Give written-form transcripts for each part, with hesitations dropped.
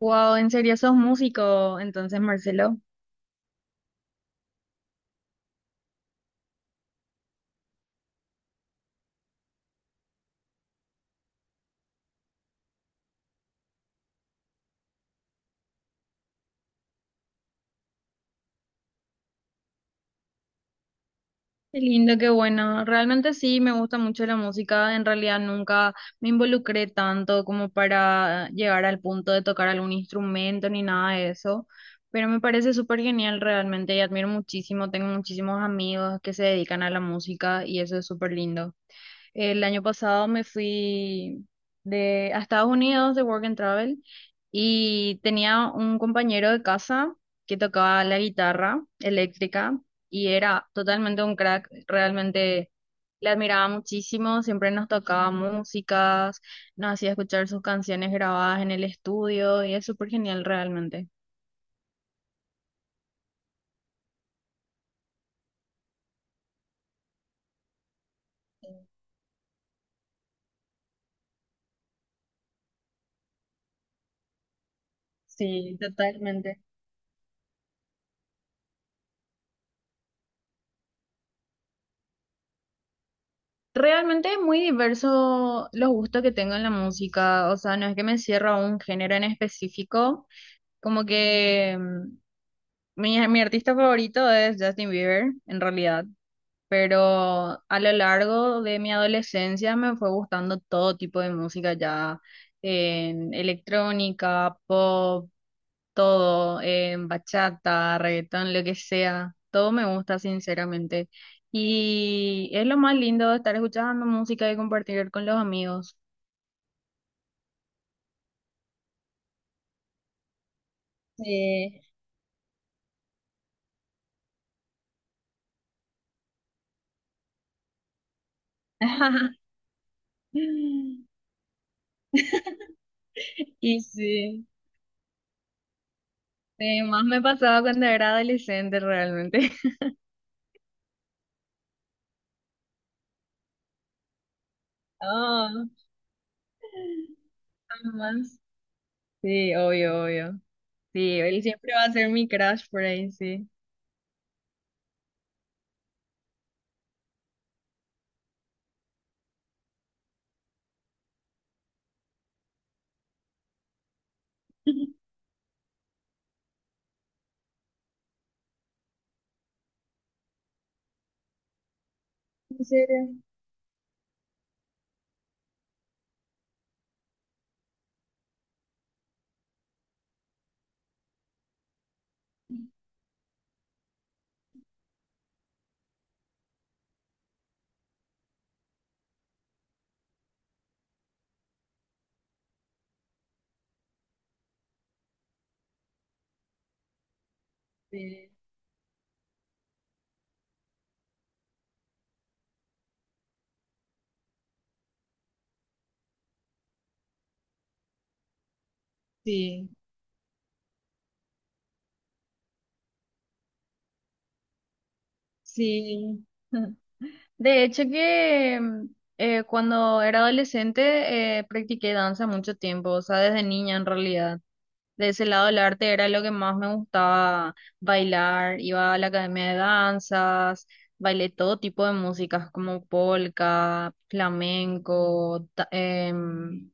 Wow, en serio sos músico, entonces Marcelo. Qué lindo, qué bueno. Realmente sí, me gusta mucho la música. En realidad nunca me involucré tanto como para llegar al punto de tocar algún instrumento ni nada de eso. Pero me parece súper genial realmente y admiro muchísimo. Tengo muchísimos amigos que se dedican a la música y eso es súper lindo. El año pasado me fui a Estados Unidos de Work and Travel y tenía un compañero de casa que tocaba la guitarra eléctrica y era totalmente un crack, realmente le admiraba muchísimo, siempre nos tocaba músicas, nos hacía escuchar sus canciones grabadas en el estudio y es súper genial realmente. Sí, totalmente. Realmente es muy diverso los gustos que tengo en la música, o sea, no es que me cierro a un género en específico, como que mi artista favorito es Justin Bieber, en realidad, pero a lo largo de mi adolescencia me fue gustando todo tipo de música ya, en electrónica, pop, todo, bachata, reggaetón, lo que sea, todo me gusta sinceramente. Y es lo más lindo de estar escuchando música y compartir con los amigos. Sí. Y sí, sí, más me pasaba cuando era adolescente realmente. Oh, más. Sí, obvio, obvio. Sí, él siempre va a ser mi crush por ahí, sí. ¿En serio? Sí. Sí. Sí. De hecho que cuando era adolescente practiqué danza mucho tiempo, o sea, desde niña en realidad. De ese lado el arte era lo que más me gustaba bailar. Iba a la academia de danzas, bailé todo tipo de músicas como polka, flamenco,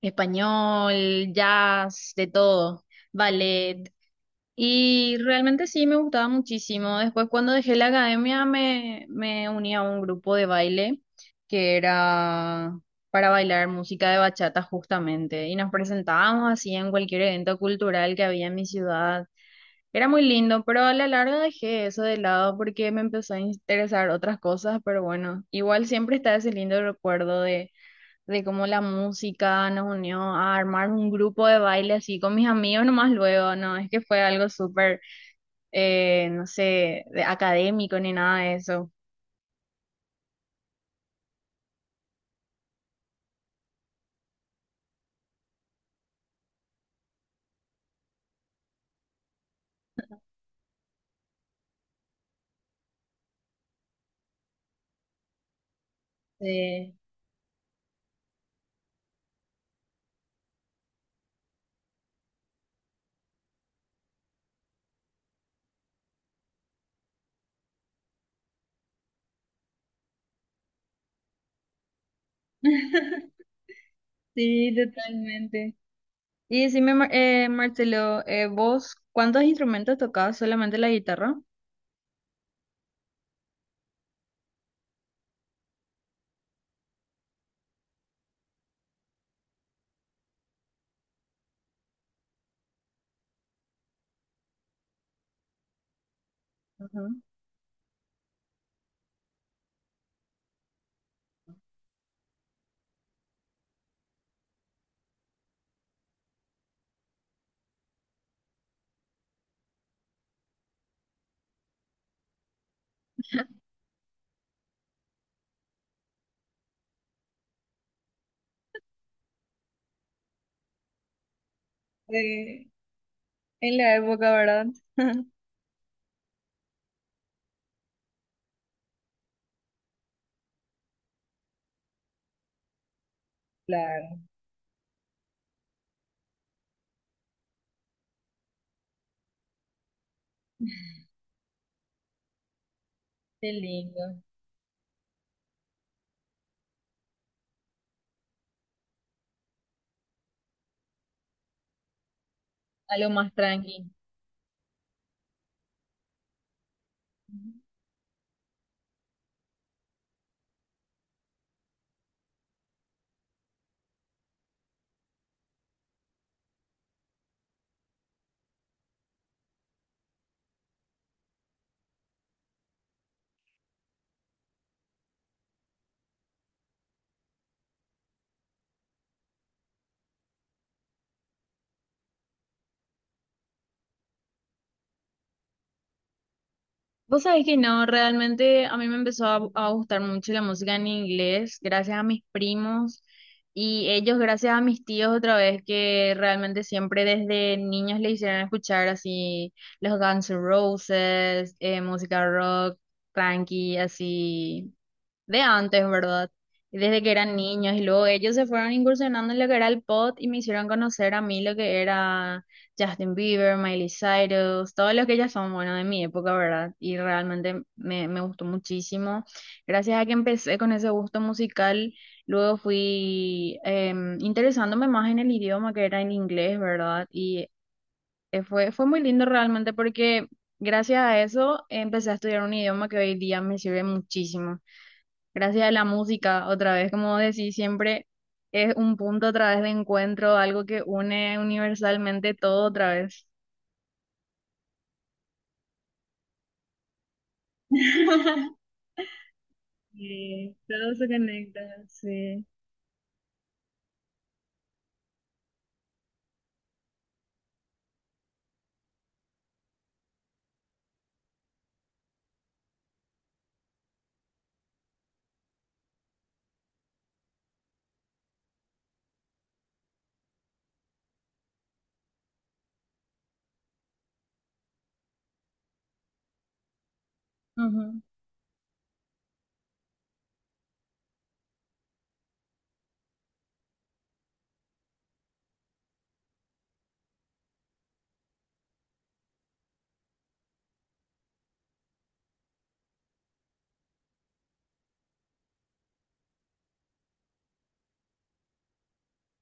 español, jazz, de todo. Ballet. Y realmente sí me gustaba muchísimo. Después cuando dejé la academia me uní a un grupo de baile que era para bailar música de bachata justamente. Y nos presentábamos así en cualquier evento cultural que había en mi ciudad. Era muy lindo, pero a la larga dejé eso de lado porque me empezó a interesar otras cosas. Pero bueno, igual siempre está ese lindo recuerdo de cómo la música nos unió a armar un grupo de baile así con mis amigos nomás luego, ¿no? Es que fue algo súper no sé, de académico ni nada de eso. Sí. Sí, totalmente. Y decime, Marcelo, ¿vos cuántos instrumentos tocabas? ¿Solamente la guitarra? Ujú. Eh, en la época, ¿verdad? Claro. Qué lindo. Algo más tranqui. Vos sabés que no, realmente a mí me empezó a gustar mucho la música en inglés, gracias a mis primos y ellos, gracias a mis tíos otra vez, que realmente siempre desde niños le hicieron escuchar así los Guns N' Roses, música rock, tranqui, así de antes, ¿verdad? Y desde que eran niños y luego ellos se fueron incursionando en lo que era el pop y me hicieron conocer a mí lo que era Justin Bieber, Miley Cyrus, todos los que ya son, bueno, de mi época, ¿verdad? Y realmente me gustó muchísimo. Gracias a que empecé con ese gusto musical, luego fui interesándome más en el idioma que era en inglés, ¿verdad? Y fue muy lindo realmente porque gracias a eso empecé a estudiar un idioma que hoy día me sirve muchísimo gracias a la música, otra vez, como decís, siempre es un punto otra vez de encuentro, algo que une universalmente todo otra vez. Sí, todo se conecta, sí. Ujú.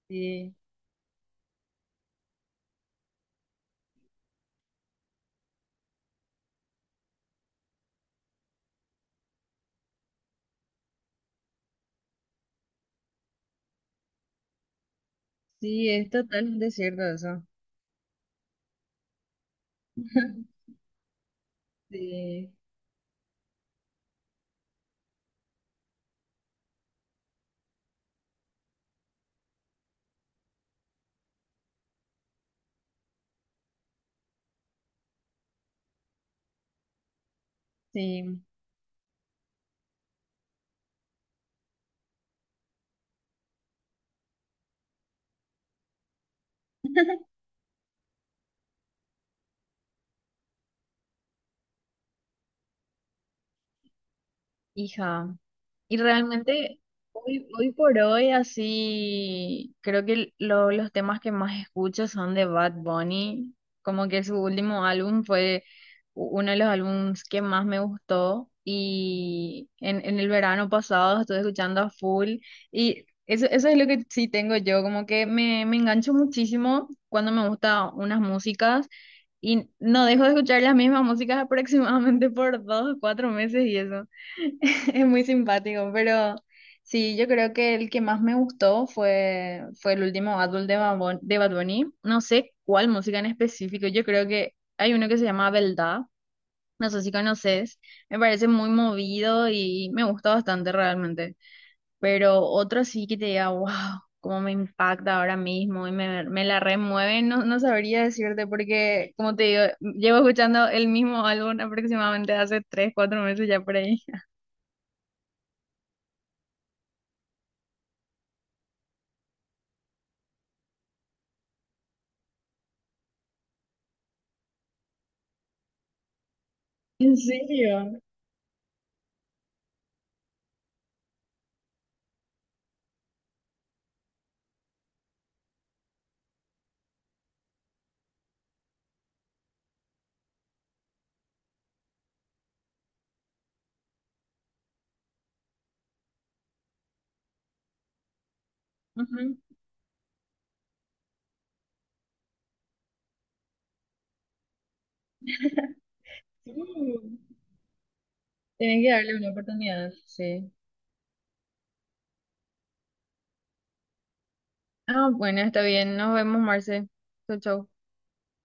Sí, sí, es totalmente cierto eso. Sí, sí. Hija, y realmente hoy, hoy por hoy así, creo que los temas que más escucho son de Bad Bunny, como que su último álbum fue uno de los álbums que más me gustó y en el verano pasado estuve escuchando a full y eso es lo que sí tengo yo, como que me engancho muchísimo cuando me gustan unas músicas. Y no dejo de escuchar las mismas músicas aproximadamente por 2, 4 meses y eso. Es muy simpático, pero sí, yo creo que el que más me gustó fue el último álbum de de Bad Bunny. No sé cuál música en específico, yo creo que hay uno que se llama Beldad, no sé si conoces, me parece muy movido y me gusta bastante realmente, pero otro sí que te diga, wow, cómo me impacta ahora mismo y me la remueve, no, no sabría decirte porque, como te digo, llevo escuchando el mismo álbum aproximadamente hace 3, 4 meses ya por ahí. ¿En serio? Ujú. Sí. Tenés que darle una oportunidad, sí. Ah, bueno, está bien. Nos vemos, Marce. Chau, chau.